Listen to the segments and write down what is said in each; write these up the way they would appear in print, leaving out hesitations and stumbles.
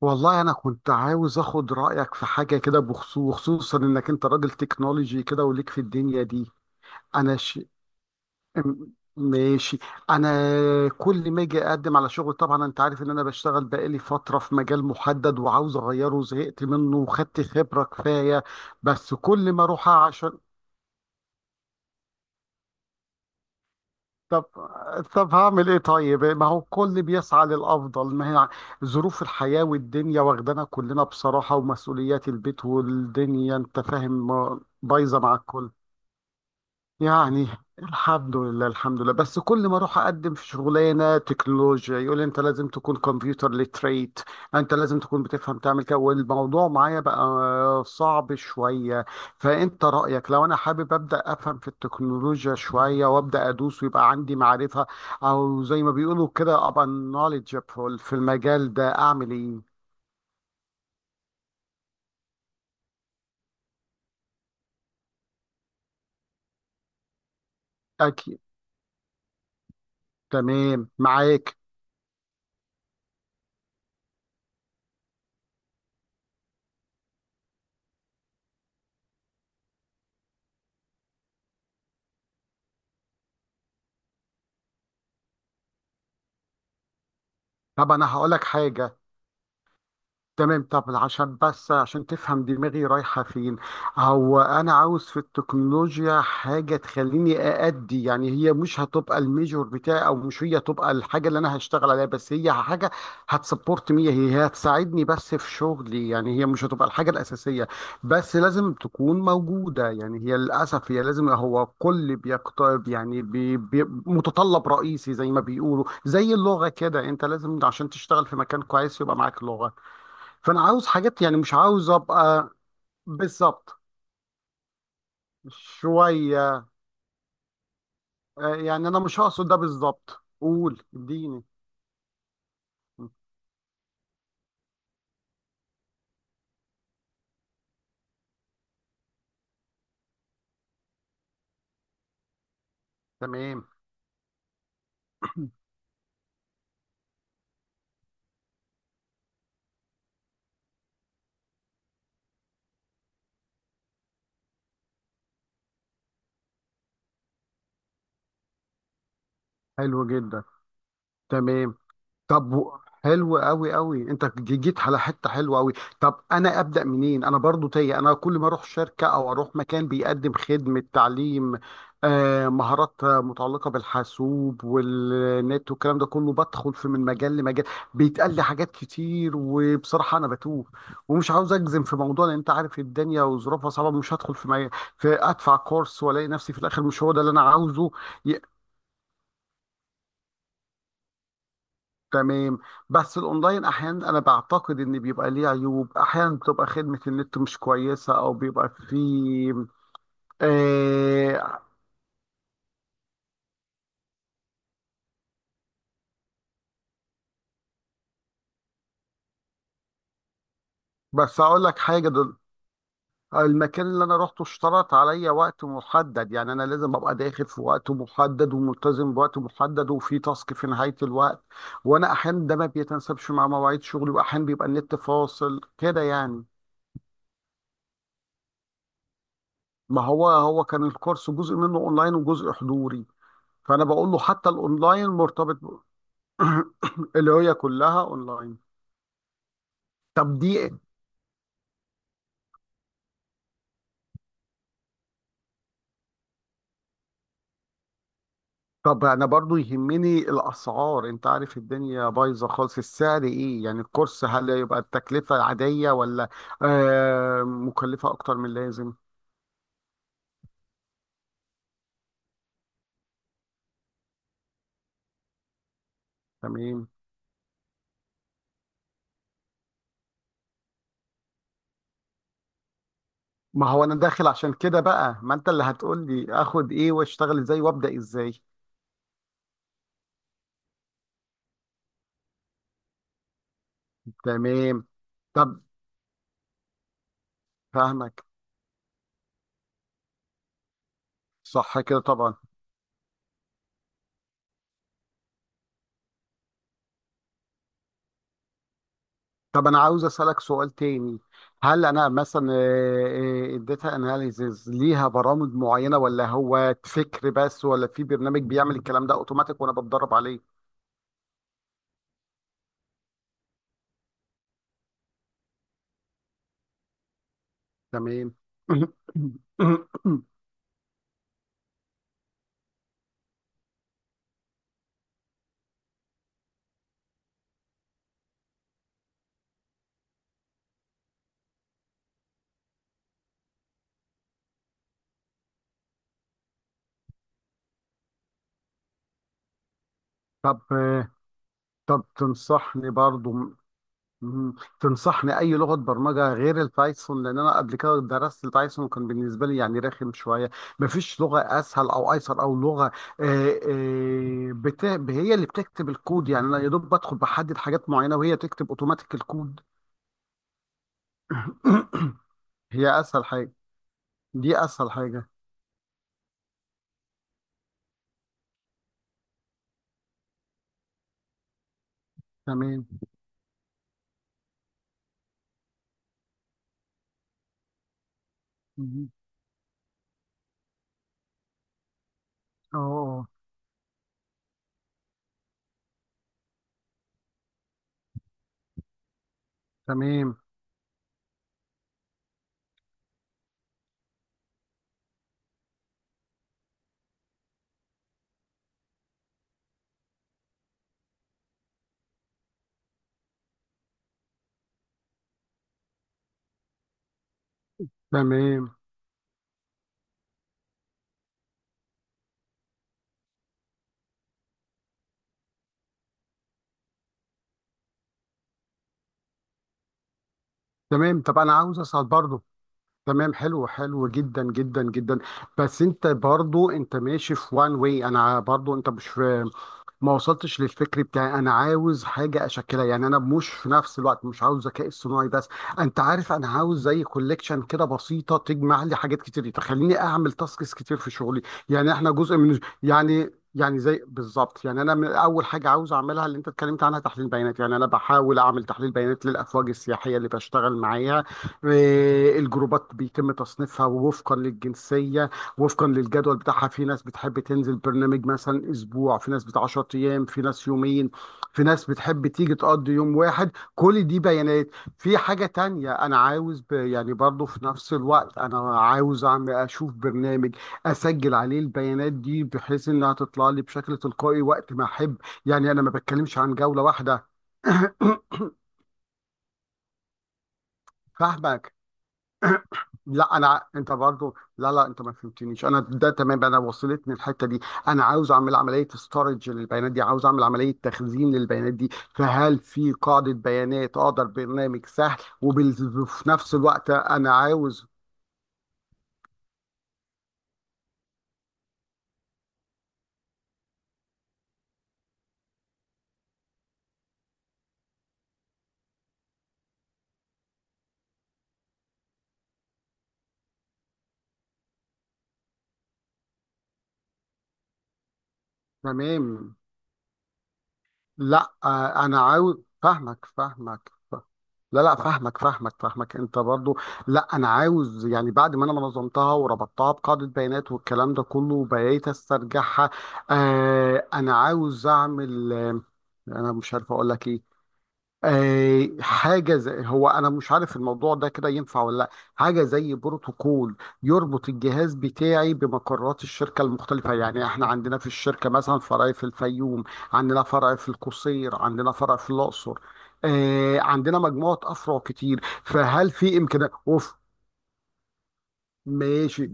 والله انا كنت عاوز اخد رايك في حاجه كده، بخصوص وخصوصا انك انت راجل تكنولوجي كده وليك في الدنيا دي. انا ش... م- ماشي. انا كل ما اجي اقدم على شغل، طبعا انت عارف ان انا بشتغل بقالي فتره في مجال محدد وعاوز اغيره وزهقت منه وخدت خبره كفايه. بس كل ما اروح عشان. طب طب هعمل ايه؟ طيب، ما هو الكل بيسعى للافضل. ما هي ظروف الحياه والدنيا واخدانا كلنا بصراحه، ومسؤوليات البيت والدنيا، انت فاهم، بايظه مع الكل، يعني. الحمد لله، الحمد لله. بس كل ما اروح اقدم في شغلانه تكنولوجيا يقول لي: انت لازم تكون كمبيوتر ليتريت، انت لازم تكون بتفهم تعمل كده، والموضوع معايا بقى صعب شويه. فانت رايك لو انا حابب ابدا افهم في التكنولوجيا شويه وابدا ادوس ويبقى عندي معرفه، او زي ما بيقولوا كده ابقى knowledgeable في المجال ده، اعمل ايه؟ اكيد. تمام معاك. طب انا هقول لك حاجه. تمام. طب عشان، بس عشان تفهم دماغي رايحة فين. هو أنا عاوز في التكنولوجيا حاجة تخليني أأدي، يعني هي مش هتبقى الميجور بتاعي، أو مش هي هتبقى الحاجة اللي أنا هشتغل عليها، بس هي حاجة هتسبورت مي، هي هتساعدني بس في شغلي، يعني هي مش هتبقى الحاجة الأساسية، بس لازم تكون موجودة. يعني هي للأسف هي لازم، هو كل بيقترب، يعني بي متطلب رئيسي، زي ما بيقولوا، زي اللغة كده، أنت لازم عشان تشتغل في مكان كويس يبقى معاك لغة. فانا عاوز حاجات، يعني مش عاوز ابقى بالظبط شويه. يعني انا مش هقصد ده بالظبط، قول اديني. تمام. حلو جدا. تمام. طب حلو قوي قوي. انت جيت على حته حلوه قوي. طب انا ابدا منين؟ انا برضو تايه. انا كل ما اروح شركه او اروح مكان بيقدم خدمه تعليم، مهارات، متعلقه بالحاسوب والنت والكلام ده كله بدخل في من مجال لمجال. بيتقال لي حاجات كتير، وبصراحه انا بتوه، ومش عاوز اجزم في موضوع، لان انت عارف الدنيا وظروفها صعبه. مش هدخل في، في ادفع كورس والاقي نفسي في الاخر مش هو ده اللي انا عاوزه. تمام. بس الاونلاين احيانا انا بعتقد ان بيبقى ليه عيوب، احيانا بتبقى خدمة النت مش كويسة، او بيبقى فيه. آه بس اقول لك حاجة، دول المكان اللي انا رحته اشترط عليا وقت محدد، يعني انا لازم ابقى داخل في وقت محدد وملتزم بوقت محدد وفي تاسك في نهاية الوقت. وانا احيانا ده ما بيتناسبش مع مواعيد شغلي، واحيانا بيبقى النت فاصل كده، يعني. ما هو كان الكورس جزء منه اونلاين وجزء حضوري، فانا بقول له حتى الاونلاين مرتبط. اللي هي كلها اونلاين. طب دي، طب انا برضو يهمني الاسعار. انت عارف الدنيا بايظه خالص، السعر ايه يعني الكورس؟ هل يبقى التكلفه عاديه، ولا مكلفه اكتر من اللازم؟ تمام. ما هو انا داخل عشان كده بقى، ما انت اللي هتقول لي اخد ايه واشتغل ازاي وابدا ازاي. تمام. طب فاهمك. صح كده طبعا. طب انا عاوز اسالك سؤال تاني. هل انا مثلا، الداتا اناليزز ليها برامج معينه، ولا هو فكر بس، ولا في برنامج بيعمل الكلام ده اوتوماتيك وانا بتدرب عليه؟ تمام. طب، طب تنصحني برضو. مم. تنصحني اي لغه برمجه غير البايثون، لان انا قبل كده درست البايثون وكان بالنسبه لي يعني رخم شويه. مفيش لغه اسهل او ايسر، او لغه آه، آه، بت... هي اللي بتكتب الكود، يعني انا يا دوب بدخل بحدد حاجات معينه وهي تكتب اوتوماتيك الكود. هي اسهل حاجه. دي اسهل حاجه. تمام. مم. اه آه. تمام، تمام، تمام. طب انا عاوز اسال برضو. تمام، حلو، حلو جدا جدا جدا. بس انت برضو انت ماشي في وان واي، انا برضو، انت مش في، ما وصلتش للفكر بتاعي. انا عاوز حاجه اشكلها، يعني انا مش، في نفس الوقت مش عاوز ذكاء اصطناعي بس. انت عارف، انا عاوز زي كوليكشن كده بسيطه، تجمع لي حاجات كتير، تخليني اعمل تاسكس كتير في شغلي. يعني احنا جزء من، يعني زي بالظبط، يعني انا من اول حاجه عاوز اعملها اللي انت اتكلمت عنها تحليل بيانات. يعني انا بحاول اعمل تحليل بيانات للافواج السياحيه اللي بشتغل معاها. الجروبات بيتم تصنيفها، ووفقا للجنسية، وفقا للجدول بتاعها، في ناس بتحب تنزل برنامج مثلا أسبوع، في ناس بتاع 10 أيام، في ناس يومين، في ناس بتحب تيجي تقضي يوم واحد. كل دي بيانات. في حاجة تانية أنا عاوز، يعني برضو في نفس الوقت أنا عاوز أعمل، أشوف برنامج أسجل عليه البيانات دي بحيث إنها تطلع لي بشكل تلقائي وقت ما أحب. يعني أنا ما بتكلمش عن جولة واحدة. فاهمك. لا انا، انت برضو لا لا، انت ما فهمتنيش، انا ده تمام، انا وصلتني الحته دي. انا عاوز اعمل عمليه ستورج للبيانات دي، عاوز اعمل عمليه تخزين للبيانات دي. فهل في قاعده بيانات اقدر؟ برنامج سهل، وفي نفس الوقت انا عاوز. تمام. لا، انا عاوز. فاهمك، فاهمك. لا، لا، فاهمك، فاهمك، فاهمك، انت برضو. لا انا عاوز، يعني بعد ما انا نظمتها وربطتها بقاعدة بيانات والكلام ده كله وبقيت استرجعها، انا عاوز اعمل، انا مش عارف اقول لك ايه. حاجة زي، هو أنا مش عارف الموضوع ده كده ينفع ولا لأ، حاجة زي بروتوكول يربط الجهاز بتاعي بمقرات الشركة المختلفة. يعني إحنا عندنا في الشركة مثلا فرع في الفيوم، عندنا فرع في القصير، عندنا فرع في الأقصر، عندنا مجموعة أفرع كتير. فهل في إمكانية أوف؟ ماشي.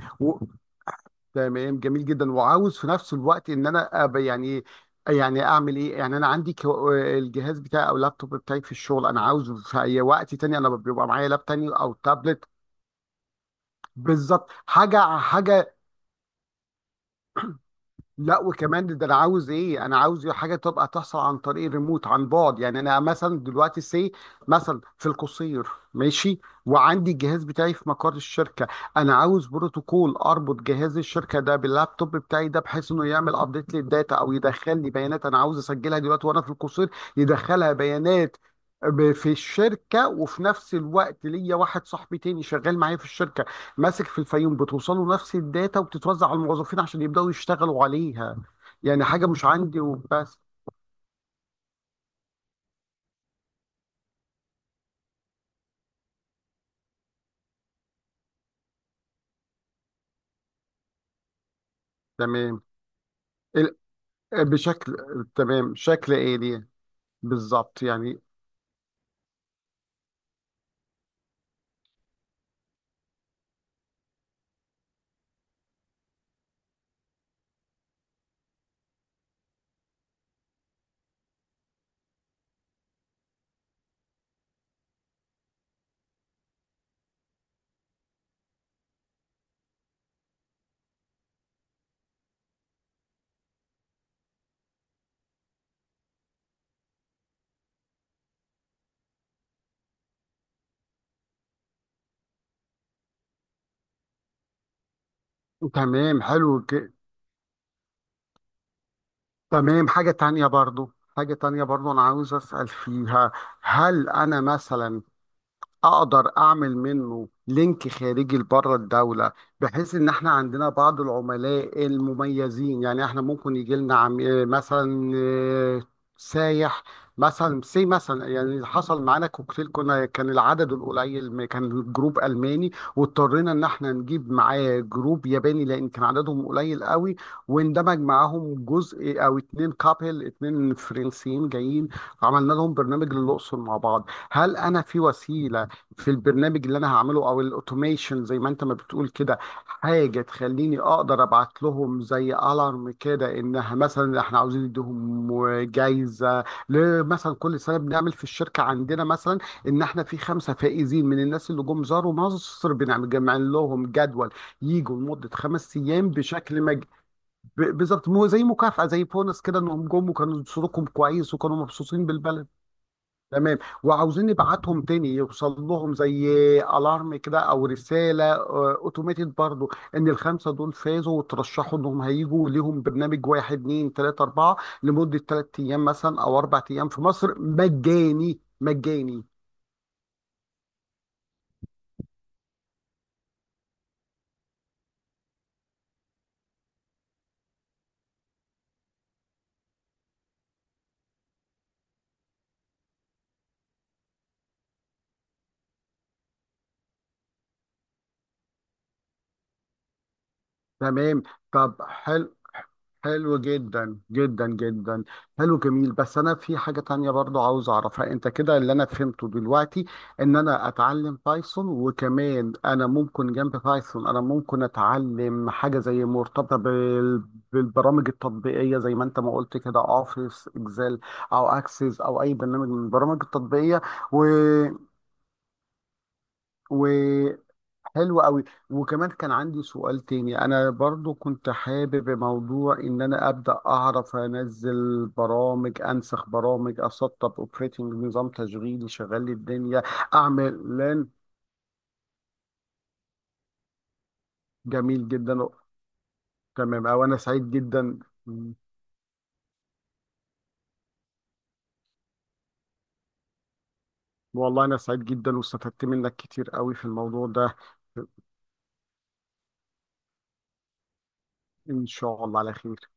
تمام، جميل جدا. وعاوز في نفس الوقت ان انا أبقى يعني إيه، يعني اعمل ايه. يعني انا عندي الجهاز بتاعي او اللابتوب بتاعي في الشغل، انا عاوزه في اي وقت تاني انا بيبقى معايا لاب تاني او تابلت. بالظبط، حاجه حاجه. لا، وكمان ده انا عاوز ايه، انا عاوز حاجه تبقى تحصل عن طريق الريموت عن بعد. يعني انا مثلا دلوقتي سي مثلا في القصير، ماشي، وعندي الجهاز بتاعي في مقر الشركه. انا عاوز بروتوكول اربط جهاز الشركه ده باللابتوب بتاعي ده، بحيث انه يعمل ابديت للداتا او يدخل لي بيانات انا عاوز اسجلها دلوقتي وانا في القصير، يدخلها بيانات في الشركه. وفي نفس الوقت ليا واحد صاحبي تاني شغال معايا في الشركه ماسك في الفيوم، بتوصله نفس الداتا وبتتوزع على الموظفين عشان يبدأوا يشتغلوا عليها، يعني حاجة مش عندي وبس. تمام، ال- بشكل، تمام شكل آلي، بالظبط يعني. تمام، حلو تمام. حاجة تانية برضو، حاجة تانية برضو أنا عاوز أسأل فيها. هل أنا مثلا اقدر اعمل منه لينك خارجي لبره الدوله، بحيث ان احنا عندنا بعض العملاء المميزين؟ يعني احنا ممكن يجي لنا عم... آه، مثلا، سايح، مثلا سي مثلا. يعني حصل معانا كوكتيل، كنا كان العدد القليل، ما كان جروب الماني واضطرينا ان احنا نجيب معاه جروب ياباني لان كان عددهم قليل قوي، واندمج معاهم جزء، او اتنين كابل، اتنين فرنسيين جايين، عملنا لهم برنامج للاقصر مع بعض. هل انا في وسيله، في البرنامج اللي انا هعمله او الاوتوميشن زي ما انت ما بتقول كده، حاجه تخليني اقدر ابعت لهم زي الارم كده، انها مثلا احنا عاوزين نديهم جايزه؟ مثلا كل سنه بنعمل في الشركه عندنا مثلا ان احنا في 5 فائزين من الناس اللي جم زاروا مصر، بنعمل جمع لهم جدول يجوا لمده 5 ايام بشكل بالظبط، مو زي مكافاه، زي بونس كده، انهم جم وكانوا صوتكم كويس وكانوا مبسوطين بالبلد. تمام، وعاوزين نبعتهم تاني، يوصل لهم زي الارم كده او رساله اوتوماتيد برضو، ان الخمسه دول فازوا وترشحوا انهم هيجوا ليهم برنامج 1 2 3 4، لمده 3 ايام مثلا او 4 ايام في مصر، مجاني، مجاني. تمام، طب، حلو، حلو جدا جدا جدا، حلو، جميل. بس انا في حاجة تانية برضو عاوز اعرفها. انت كده، اللي انا فهمته دلوقتي ان انا اتعلم بايثون، وكمان انا ممكن جنب بايثون انا ممكن اتعلم حاجة زي مرتبطة بالبرامج التطبيقية، زي ما انت ما قلت كده، اوفيس اكسل، او اكسس، او اي برنامج من البرامج التطبيقية. و... حلو قوي. وكمان كان عندي سؤال تاني، انا برضو كنت حابب موضوع، ان انا ابدا اعرف انزل برامج، انسخ برامج، اسطب اوبريتنج، نظام تشغيلي شغال لي الدنيا، اعمل لان. جميل جدا. تمام. او انا سعيد جدا. والله انا سعيد جدا واستفدت منك كتير قوي في الموضوع ده. ان شاء الله على خير.